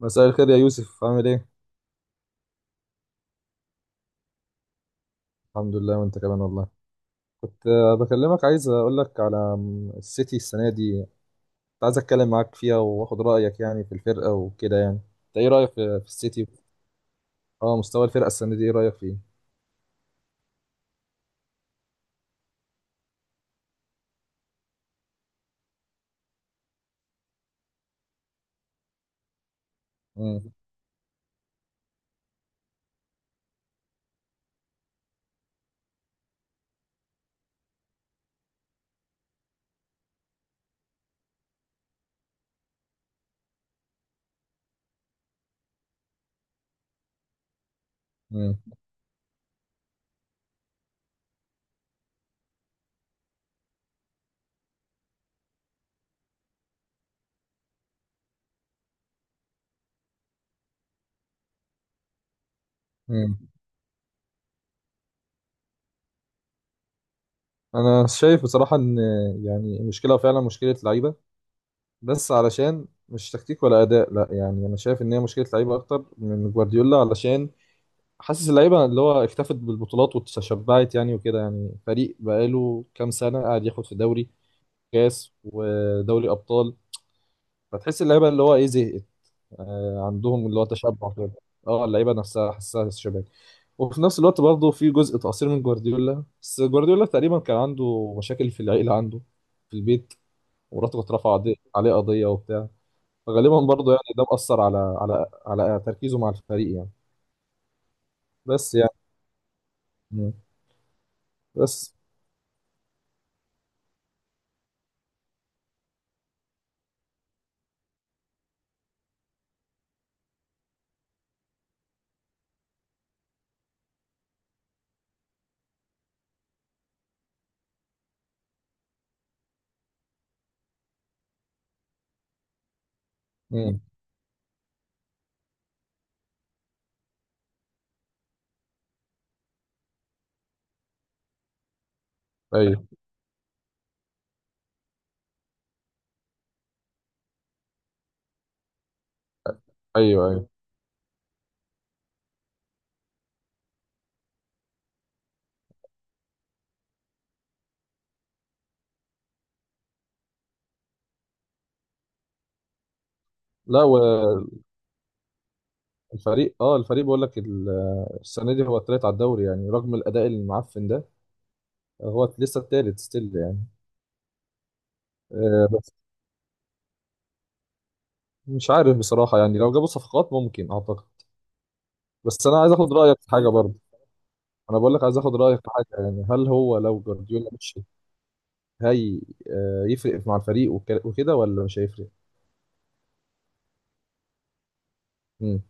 مساء الخير يا يوسف، عامل ايه؟ الحمد لله وانت كمان والله. كنت بكلمك، عايز اقول لك على السيتي السنة دي. كنت عايز اتكلم معاك فيها واخد رأيك يعني في الفرقة وكده يعني. انت ايه رأيك في السيتي؟ اه، مستوى الفرقة السنة دي ايه رأيك فيه؟ مم. مم. مم. انا شايف بصراحة ان يعني المشكلة فعلا مشكلة لعيبة. بس علشان مش تكتيك ولا اداء، لا يعني انا شايف ان هي مشكلة لعيبة اكتر من جوارديولا. علشان حاسس اللعيبه اللي هو اكتفت بالبطولات وتشبعت يعني وكده يعني، فريق بقاله كام سنه قاعد ياخد في دوري كاس ودوري ابطال. فتحس اللعيبه اللي هو ايه زهقت. عندهم اللي هو تشبع كده. اه، اللعيبه نفسها حاسسها شباب. وفي نفس الوقت برضه في جزء تقصير من جوارديولا، بس جوارديولا تقريبا كان عنده مشاكل في العيله، عنده في البيت. ومراته كانت رافعه عليه قضيه وبتاع. فغالبا برضه يعني ده مأثر على تركيزه مع الفريق يعني. بس يعني. مم. بس. امم. ايوه ايوه ايوه. لا، والفريق. اه، الفريق بقول لك السنه دي هو التالت على الدوري يعني، رغم الاداء المعفن ده هو لسه التالت ستيل يعني. آه بس مش عارف بصراحه يعني، لو جابوا صفقات ممكن، اعتقد. بس انا عايز اخد رايك في حاجه برضه. انا بقول لك عايز اخد رايك في حاجه، يعني هل هو لو جوارديولا مشي؟ هي يفرق مع الفريق وكده، ولا مش هيفرق؟ امم.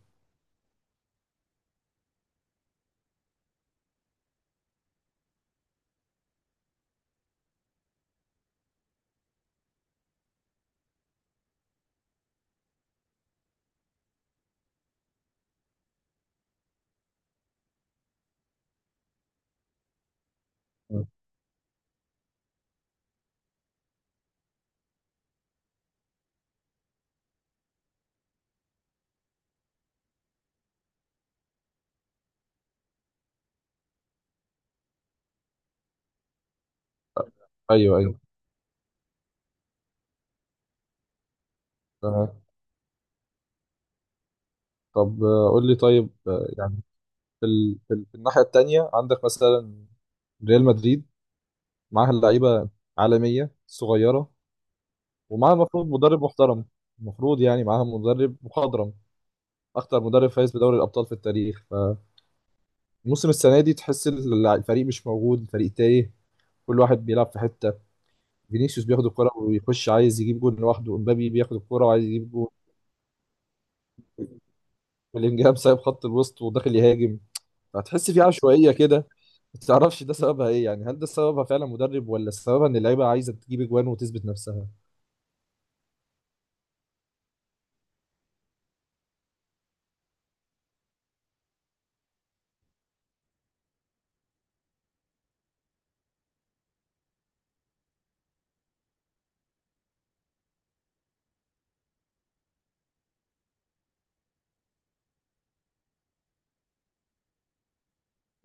ايوه ايوه تمام. طب قول لي، طيب يعني في الناحيه التانيه عندك مثلا ريال مدريد. معاها لعيبه عالميه صغيره، ومعاها المفروض مدرب محترم. المفروض يعني معاها مدرب مخضرم، اكتر مدرب فايز بدوري الابطال في التاريخ. فموسم السنه دي تحس الفريق مش موجود، الفريق تايه. كل واحد بيلعب في حته. فينيسيوس بياخد الكره ويخش عايز يجيب جول لوحده، امبابي بياخد الكره وعايز يجيب جول، بلينجهام سايب خط الوسط وداخل يهاجم. فهتحس في عشوائيه كده. ما تعرفش ده سببها ايه يعني، هل ده سببها فعلا مدرب ولا سببها ان اللعيبه عايزه تجيب اجوان وتثبت نفسها؟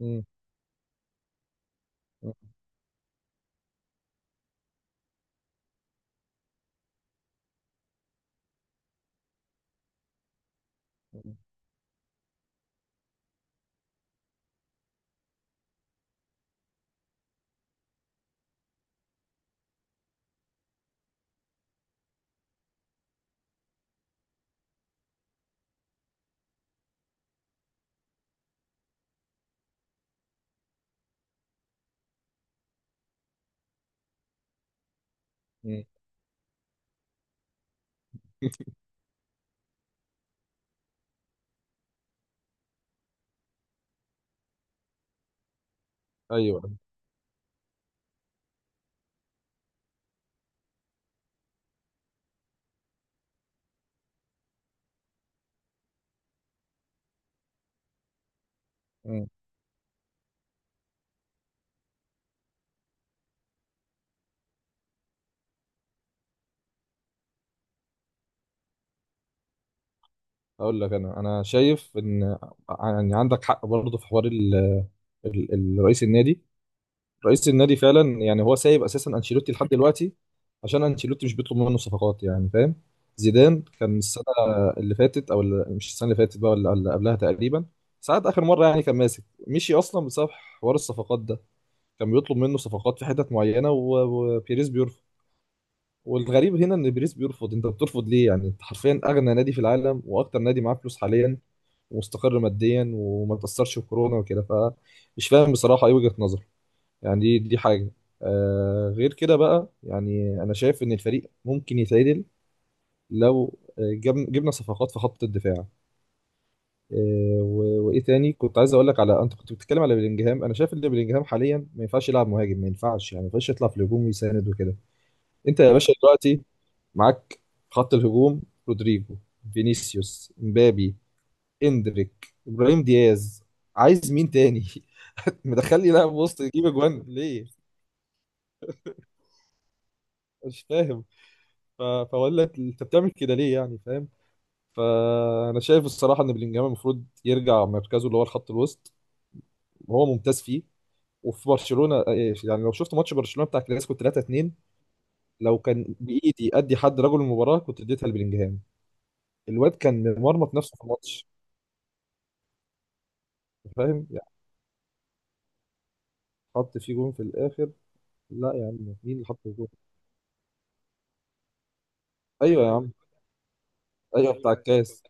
امم. امم. ايوه. مم. اقول لك انا شايف ان يعني عندك حق برضه في حوار رئيس النادي. رئيس النادي فعلا يعني، هو سايب اساسا انشيلوتي لحد دلوقتي عشان انشيلوتي مش بيطلب منه صفقات يعني، فاهم. زيدان كان السنه اللي فاتت، او اللي مش السنه اللي فاتت بقى ولا اللي قبلها تقريبا، ساعات اخر مره يعني كان ماسك، مشي اصلا بسبب حوار الصفقات ده. كان بيطلب منه صفقات في حتت معينه و... وبيريز بيرفض. والغريب هنا ان بيريز بيرفض. انت بترفض ليه يعني؟ انت حرفيا اغنى نادي في العالم واكتر نادي معاه فلوس حاليا، ومستقر ماديا وما تاثرش بكورونا وكده، فمش فاهم بصراحه ايه وجهه نظر يعني. دي حاجه. غير كده بقى يعني، انا شايف ان الفريق ممكن يتعدل لو جبنا صفقات في خط الدفاع. وايه تاني كنت عايز اقول لك على، انت كنت بتتكلم على بلينجهام. انا شايف ان بلينجهام حاليا ما ينفعش يلعب مهاجم، ما ينفعش يعني، ما ينفعش يطلع في الهجوم ويساند وكده. انت يا باشا دلوقتي معاك خط الهجوم: رودريجو، فينيسيوس، امبابي، اندريك، ابراهيم دياز. عايز مين تاني؟ مدخل لي لاعب وسط يجيب اجوان ليه؟ مش فاهم. فاقول لك، انت بتعمل كده ليه يعني، فاهم؟ فانا شايف الصراحه ان بلينجهام المفروض يرجع مركزه اللي هو الخط الوسط، وهو ممتاز فيه. وفي برشلونه، يعني لو شفت ماتش برشلونه بتاع كلاسيكو 3-2، لو كان بايدي ادي حد رجل المباراه كنت اديتها لبلينجهام. الواد كان مرمط نفسه في الماتش، فاهم يعني. حط فيه جون في الاخر. لا يا عم، مين اللي حط الجون؟ ايوه يا عم. ايوه، بتاع الكاس.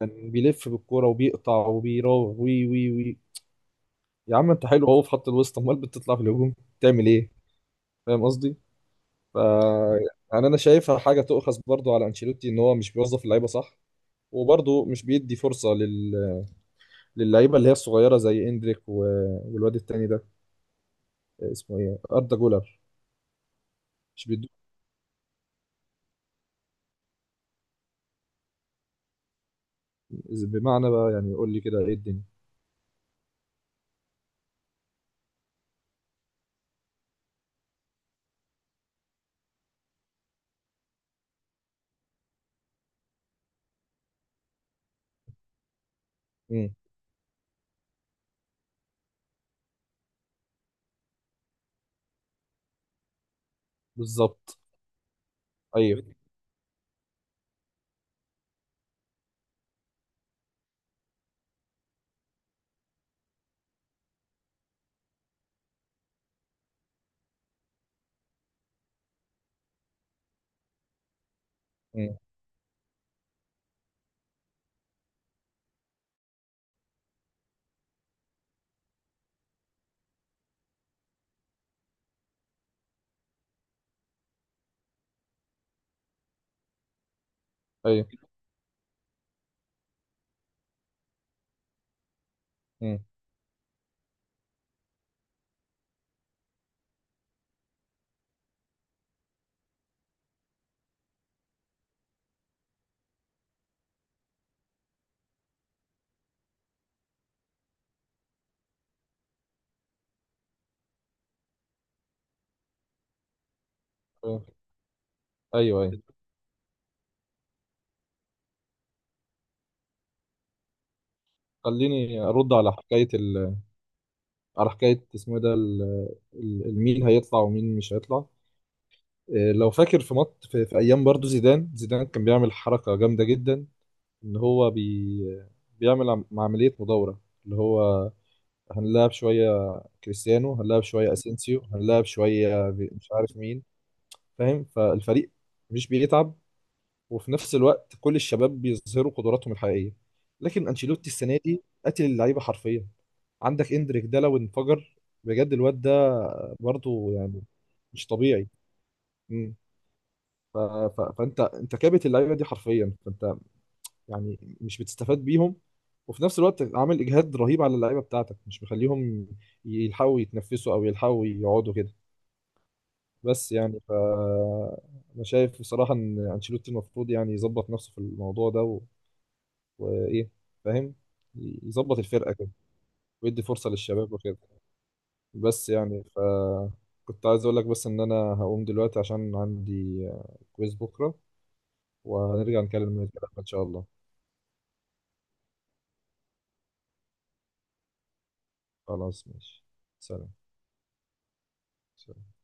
كان بيلف بالكوره وبيقطع وبيراوغ وي وي وي. يا عم انت حلو اهو في خط الوسط، امال بتطلع في الهجوم تعمل ايه؟ فاهم قصدي. ف، يعني انا شايفها حاجه تؤخذ برضو على انشيلوتي ان هو مش بيوظف اللعيبه صح. وبرضه مش بيدي فرصه للعيبه اللي هي الصغيره زي اندريك و... والواد التاني ده اسمه ايه، اردا جولر. مش بيدو، بمعنى بقى يعني يقول لي كده ايه الدنيا. امم. بالظبط. ايوه ايوه. مم. ايوه ايوه أيوة. خليني ارد على حكايه على حكايه اسمه إيه ده، المين هيطلع ومين مش هيطلع. لو فاكر في ايام برضو زيدان كان بيعمل حركه جامده جدا، ان هو بيعمل عمليه مدوره، اللي هو هنلعب شويه كريستيانو، هنلعب شويه اسينسيو، هنلعب شويه مش عارف مين. فاهم، فالفريق مش بيتعب، وفي نفس الوقت كل الشباب بيظهروا قدراتهم الحقيقيه. لكن انشيلوتي السنه دي قتل اللعيبه حرفيا. عندك اندريك ده لو انفجر بجد، الواد ده برضه يعني مش طبيعي. مم. ف... فانت كابت اللعيبه دي حرفيا، فانت يعني مش بتستفاد بيهم، وفي نفس الوقت عامل اجهاد رهيب على اللعيبه بتاعتك مش مخليهم يلحقوا يتنفسوا او يلحقوا يقعدوا كده. بس يعني، ف، انا شايف بصراحه ان انشيلوتي المفروض يعني يظبط نفسه في الموضوع ده. وايه، فاهم، يظبط الفرقه كده، ويدي فرصه للشباب وكده. بس يعني، ف، كنت عايز اقول لك بس ان انا هقوم دلوقتي عشان عندي كويز بكره، وهنرجع نكلم الكلام ان شاء الله. خلاص ماشي. سلام. سلام.